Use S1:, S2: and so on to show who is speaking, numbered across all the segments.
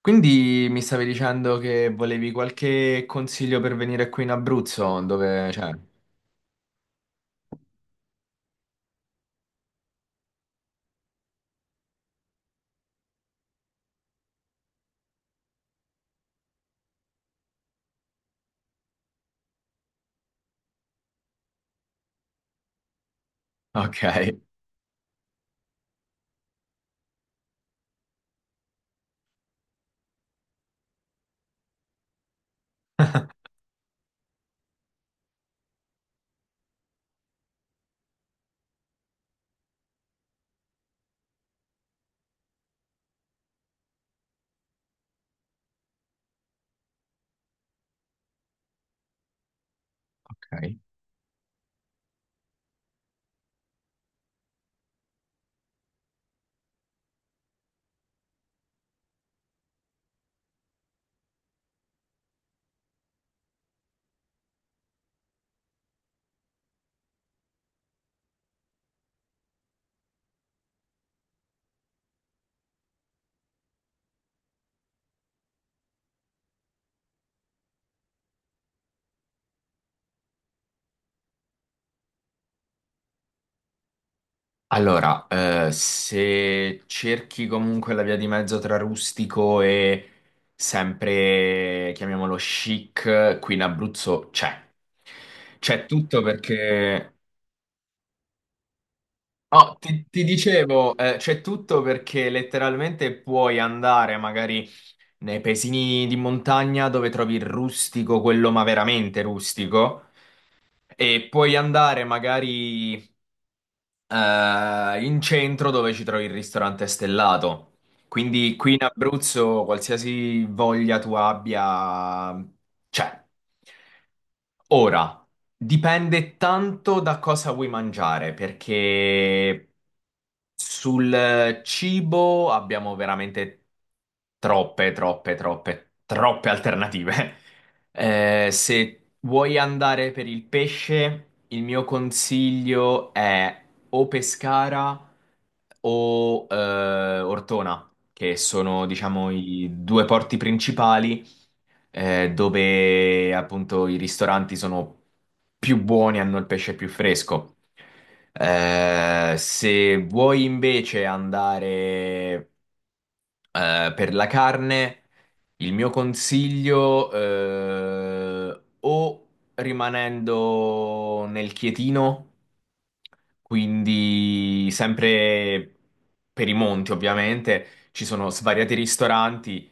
S1: Quindi mi stavi dicendo che volevi qualche consiglio per venire qui in Abruzzo, dove cioè, ok. Ok. Allora, se cerchi comunque la via di mezzo tra rustico e sempre, chiamiamolo chic, qui in Abruzzo c'è. C'è tutto perché... Oh, ti dicevo, c'è tutto perché letteralmente puoi andare magari nei paesini di montagna dove trovi il rustico, quello ma veramente rustico, e puoi andare magari in centro dove ci trovi il ristorante stellato. Quindi qui in Abruzzo, qualsiasi voglia tu abbia, c'è. Ora, dipende tanto da cosa vuoi mangiare, perché sul cibo abbiamo veramente troppe, troppe, troppe, troppe alternative. Se vuoi andare per il pesce, il mio consiglio è o Pescara o Ortona, che sono, diciamo, i due porti principali, dove appunto i ristoranti sono più buoni, hanno il pesce più fresco. Se vuoi invece andare, per la carne, il mio consiglio, o rimanendo nel Chietino, quindi sempre per i monti ovviamente, ci sono svariati ristoranti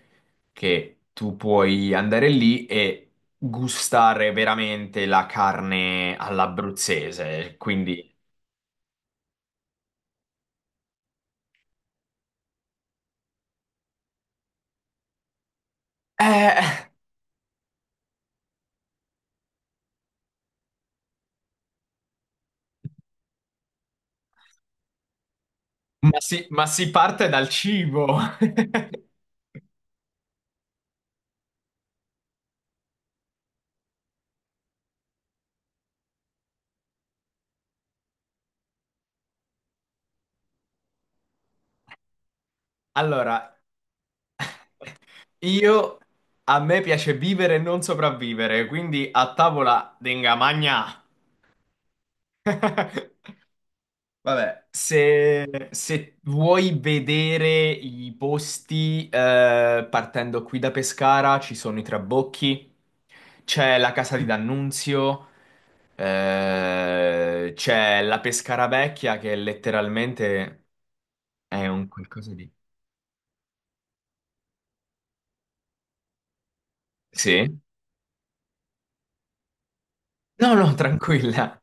S1: che tu puoi andare lì e gustare veramente la carne all'abruzzese. Quindi, eh, ma si parte dal cibo. Allora, io a me piace vivere e non sopravvivere, quindi a tavola denga magna. Vabbè, se vuoi vedere i posti, partendo qui da Pescara, ci sono i Trabocchi, c'è la Casa di D'Annunzio, c'è la Pescara Vecchia che letteralmente è un qualcosa di... Sì? No, no, tranquilla.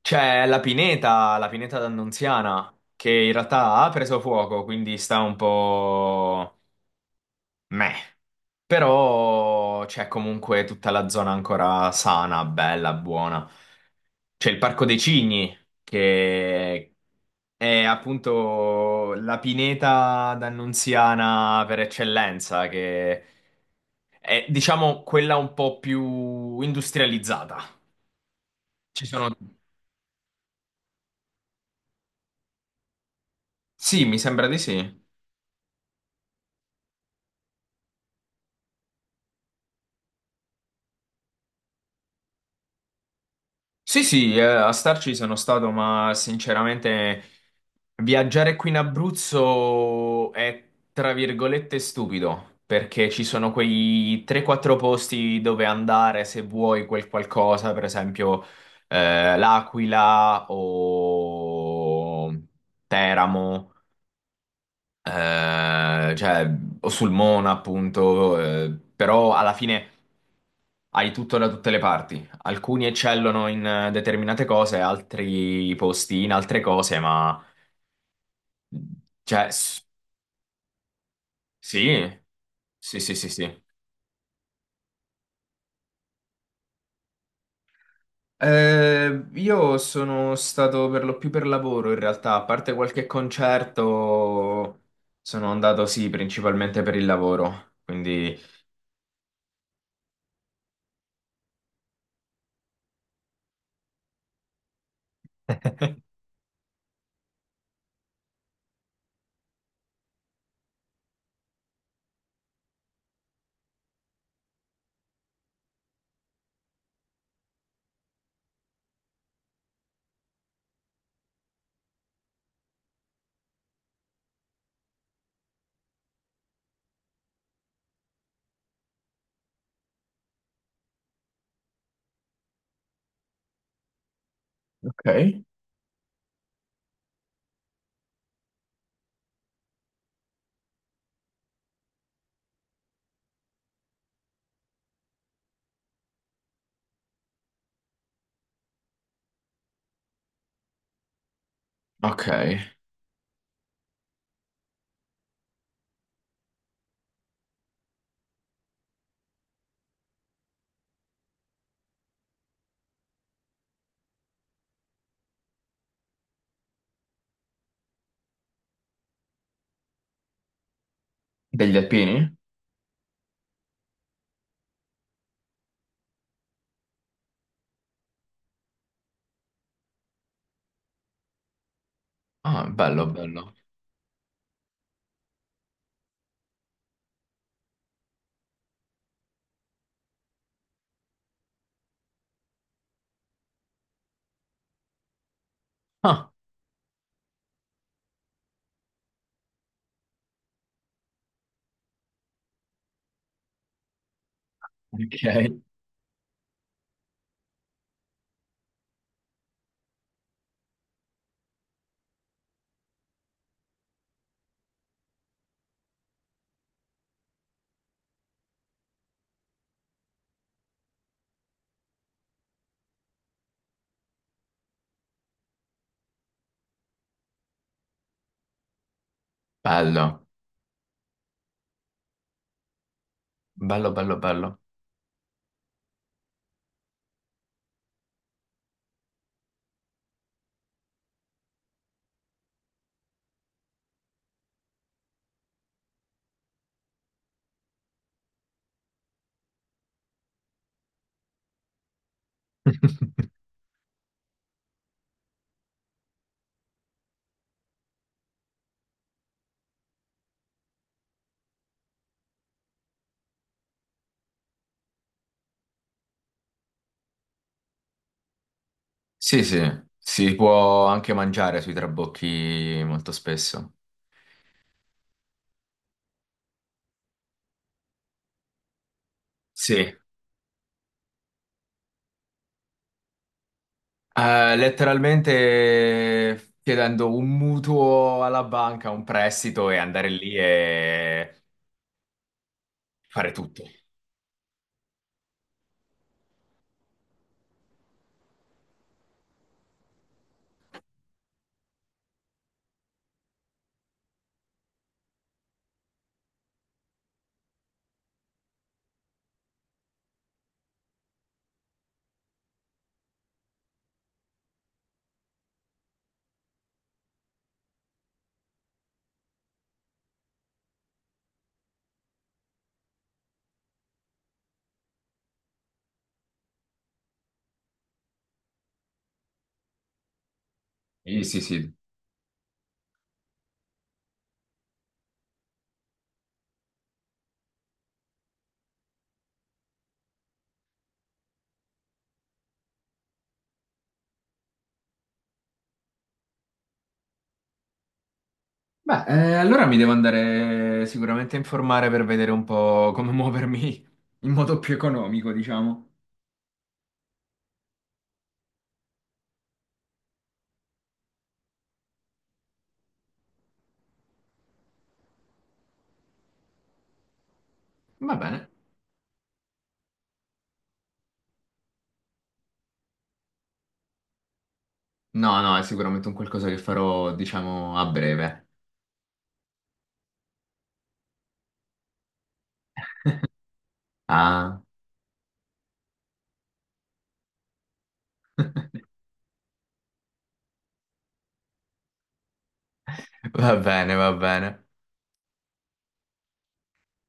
S1: C'è la Pineta d'Annunziana, che in realtà ha preso fuoco, quindi sta un po'... meh. Però c'è comunque tutta la zona ancora sana, bella, buona. C'è il Parco dei Cigni, che è appunto la pineta d'Annunziana per eccellenza, che è, diciamo, quella un po' più industrializzata. Ci sono... Sì, mi sembra di sì. Sì, sì, a starci sono stato, ma sinceramente viaggiare qui in Abruzzo è tra virgolette stupido, perché ci sono quei 3-4 posti dove andare se vuoi quel qualcosa, per esempio L'Aquila o Teramo, cioè, o sul Mona, appunto, però alla fine hai tutto da tutte le parti. Alcuni eccellono in determinate cose, altri posti in altre cose, ma cioè, sì, sì, sì, sì, sì. Io sono stato per lo più per lavoro in realtà, a parte qualche concerto, sono andato sì, principalmente per il lavoro, quindi... Ok. Ok. Ok. Degli alpini? Ah, bello, bello. Ah, ok. Bello, bello, bello, bello. Sì, sì, si può anche mangiare sui trabocchi molto spesso. Sì, letteralmente chiedendo un mutuo alla banca, un prestito e andare lì e fare tutto. Sì, sì, sì. Beh, allora mi devo andare sicuramente a informare per vedere un po' come muovermi in modo più economico, diciamo. Va bene. No, no, è sicuramente un qualcosa che farò, diciamo, a breve. Ah, va bene, va bene.